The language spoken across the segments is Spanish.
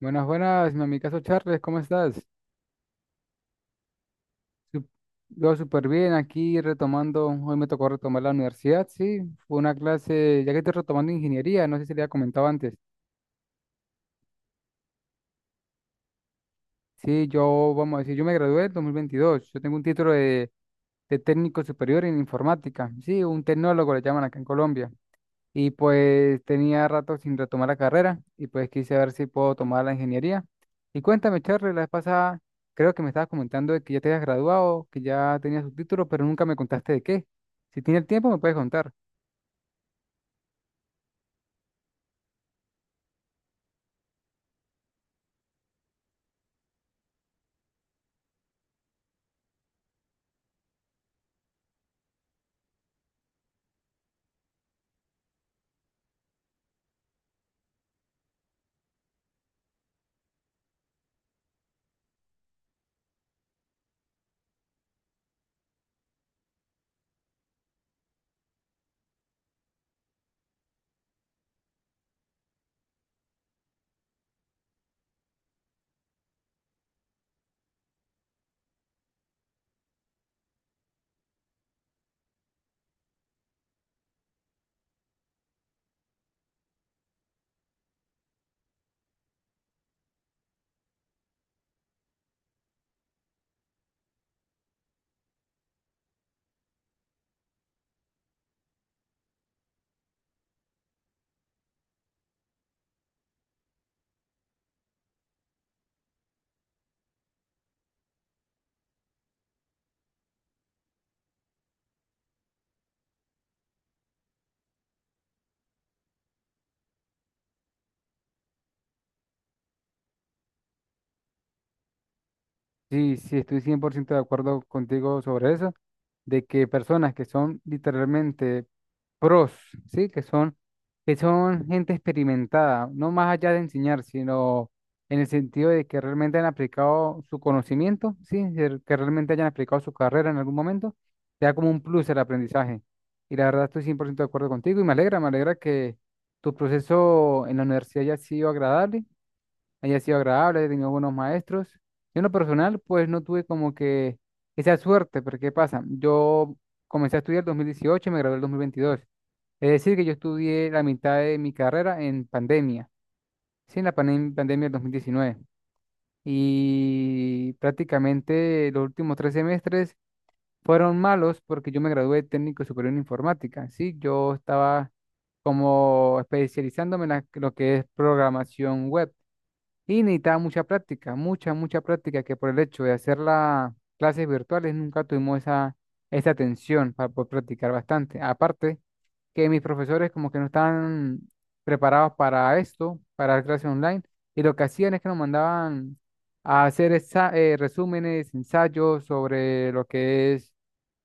Buenas, buenas, mi amigazo Charles, ¿cómo estás? Sup- Yo súper bien, aquí retomando, hoy me tocó retomar la universidad, sí, fue una clase, ya que estoy retomando ingeniería, no sé si le había comentado antes, sí, yo, vamos a decir, yo me gradué en 2022, yo tengo un título de técnico superior en informática, sí, un tecnólogo le llaman acá en Colombia, y pues tenía rato sin retomar la carrera y pues quise ver si puedo tomar la ingeniería. Y cuéntame, Charlie, la vez pasada creo que me estabas comentando de que ya te habías graduado, que ya tenías tu título, pero nunca me contaste de qué. Si tienes el tiempo me puedes contar. Sí, sí, estoy 100% de acuerdo contigo sobre eso, de que personas que son literalmente pros, ¿sí? Que son gente experimentada, no más allá de enseñar, sino en el sentido de que realmente han aplicado su conocimiento, ¿sí? De que realmente hayan aplicado su carrera en algún momento, te da como un plus el aprendizaje. Y la verdad estoy 100% de acuerdo contigo y me alegra que tu proceso en la universidad haya sido agradable, haya sido agradable, haya tenido buenos maestros. Yo en lo personal, pues no tuve como que esa suerte, porque ¿qué pasa? Yo comencé a estudiar en 2018 y me gradué en 2022. Es decir, que yo estudié la mitad de mi carrera en pandemia, sí, en la pandemia del 2019. Y prácticamente los últimos tres semestres fueron malos porque yo me gradué de técnico superior en informática, sí, yo estaba como especializándome en lo que es programación web. Y necesitaba mucha práctica, mucha, mucha práctica, que por el hecho de hacer las clases virtuales nunca tuvimos esa, esa atención para poder practicar bastante. Aparte, que mis profesores como que no estaban preparados para esto, para la clase online, y lo que hacían es que nos mandaban a hacer resúmenes, ensayos sobre lo que es,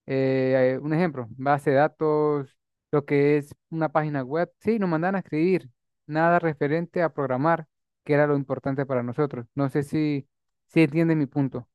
un ejemplo, base de datos, lo que es una página web, sí, nos mandaban a escribir, nada referente a programar que era lo importante para nosotros. No sé si, si entiende mi punto.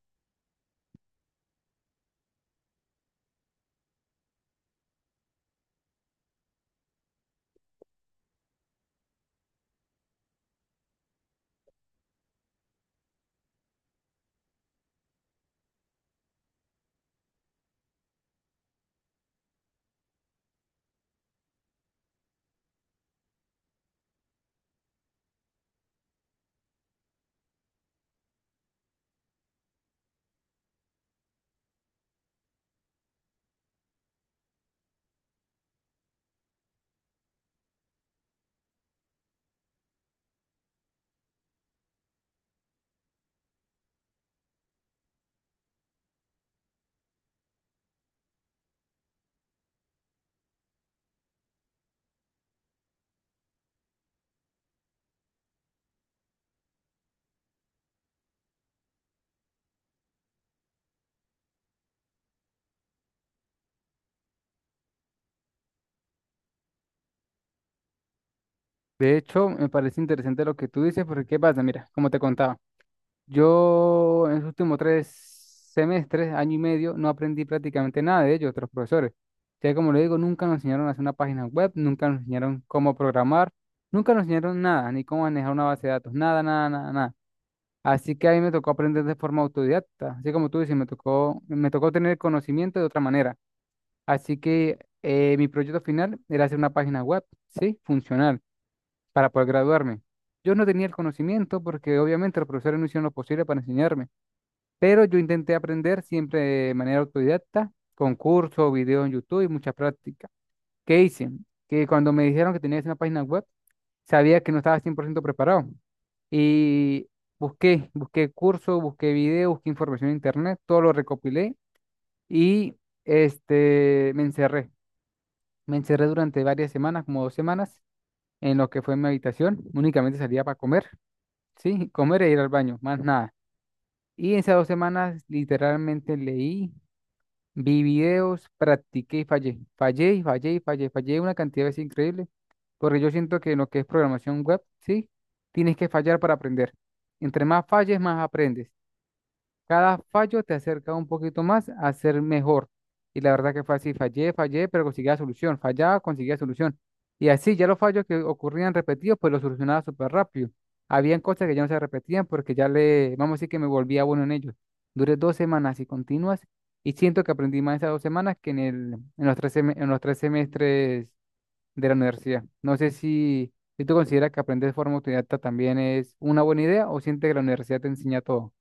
De hecho, me parece interesante lo que tú dices, porque ¿qué pasa? Mira, como te contaba, yo en los últimos tres semestres, año y medio, no aprendí prácticamente nada de ellos, otros profesores. Ya como le digo, nunca nos enseñaron a hacer una página web, nunca nos enseñaron cómo programar, nunca nos enseñaron nada, ni cómo manejar una base de datos, nada, nada, nada, nada. Así que a mí me tocó aprender de forma autodidacta, así como tú dices, me tocó tener conocimiento de otra manera. Así que mi proyecto final era hacer una página web, ¿sí? Funcional, para poder graduarme. Yo no tenía el conocimiento porque obviamente los profesores no hicieron lo posible para enseñarme, pero yo intenté aprender siempre de manera autodidacta, con cursos, videos en YouTube y mucha práctica. ¿Qué hice? Que cuando me dijeron que tenía que hacer una página web, sabía que no estaba 100% preparado. Y busqué, busqué cursos, busqué videos, busqué información en internet, todo lo recopilé y me encerré. Me encerré durante varias semanas, como dos semanas, en lo que fue mi habitación. Únicamente salía para comer, sí, comer e ir al baño, más nada. Y esas dos semanas literalmente leí, vi videos, practiqué y fallé. Fallé y fallé y fallé. Fallé una cantidad de veces increíble, porque yo siento que en lo que es programación web, sí, tienes que fallar para aprender. Entre más falles, más aprendes. Cada fallo te acerca un poquito más a ser mejor. Y la verdad que fue así, fallé, fallé, pero conseguía solución, fallaba, conseguía solución. Y así ya los fallos que ocurrían repetidos, pues los solucionaba súper rápido. Habían cosas que ya no se repetían porque ya le, vamos a decir que me volvía bueno en ellos. Duré dos semanas así continuas y siento que aprendí más en esas dos semanas que en el, en los tres, en los tres semestres de la universidad. No sé si, si tú consideras que aprender de forma autodidacta también es una buena idea o sientes que la universidad te enseña todo.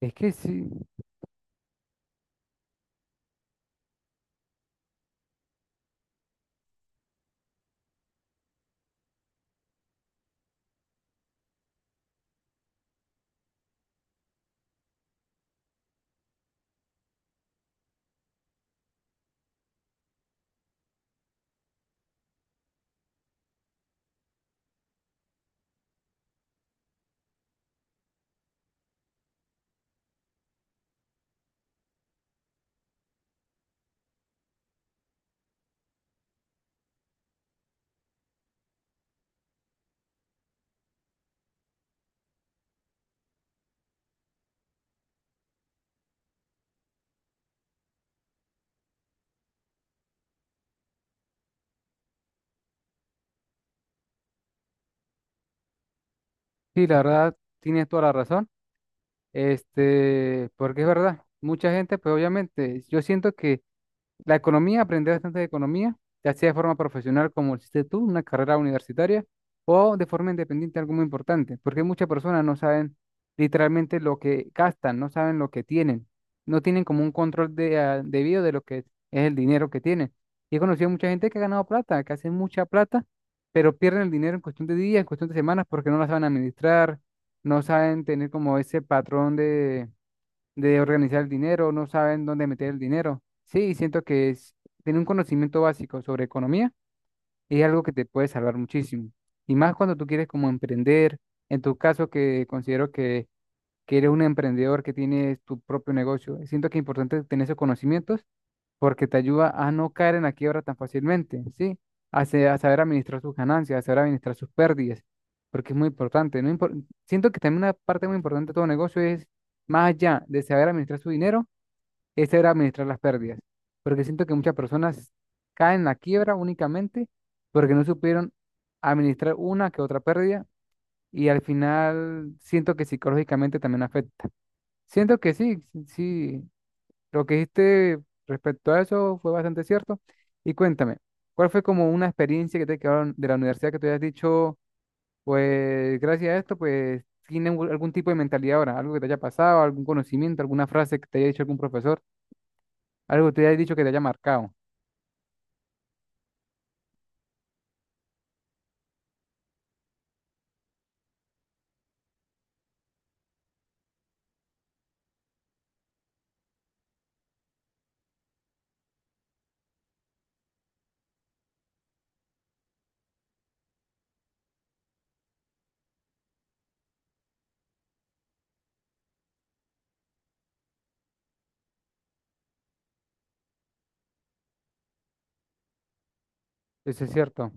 Es que sí, sí, la verdad, tienes toda la razón. Porque es verdad, mucha gente, pues obviamente, yo siento que la economía, aprender bastante de economía, ya sea de forma profesional, como hiciste tú, una carrera universitaria, o de forma independiente, algo muy importante, porque muchas personas no saben literalmente lo que gastan, no saben lo que tienen, no tienen como un control de, ah, debido de lo que es el dinero que tienen. Y he conocido mucha gente que ha ganado plata, que hace mucha plata, pero pierden el dinero en cuestión de días, en cuestión de semanas, porque no la saben administrar, no saben tener como ese patrón de organizar el dinero, no saben dónde meter el dinero. Sí, siento que es tener un conocimiento básico sobre economía es algo que te puede salvar muchísimo. Y más cuando tú quieres como emprender, en tu caso que considero que eres un emprendedor que tienes tu propio negocio, siento que es importante tener esos conocimientos porque te ayuda a no caer en la quiebra tan fácilmente, ¿sí? A, a saber administrar sus ganancias, a saber administrar sus pérdidas, porque es muy importante. No impor- Siento que también una parte muy importante de todo negocio es más allá de saber administrar su dinero, ese era administrar las pérdidas, porque siento que muchas personas caen en la quiebra únicamente porque no supieron administrar una que otra pérdida y al final siento que psicológicamente también afecta. Siento que sí, sí, sí, lo que dijiste respecto a eso fue bastante cierto. Y cuéntame, ¿cuál fue como una experiencia que te quedaron de la universidad que te hayas dicho, pues gracias a esto, pues tienen algún tipo de mentalidad ahora, algo que te haya pasado, algún conocimiento, alguna frase que te haya dicho algún profesor? Algo te haya dicho que te haya marcado. Eso es cierto.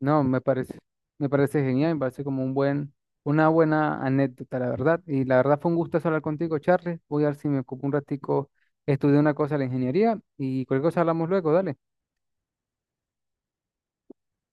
No, me parece genial, me parece como un buen, una buena anécdota, la verdad. Y la verdad fue un gusto hablar contigo, Charles. Voy a ver si me ocupo un ratico, estudié una cosa de la ingeniería y cualquier cosa hablamos luego, dale.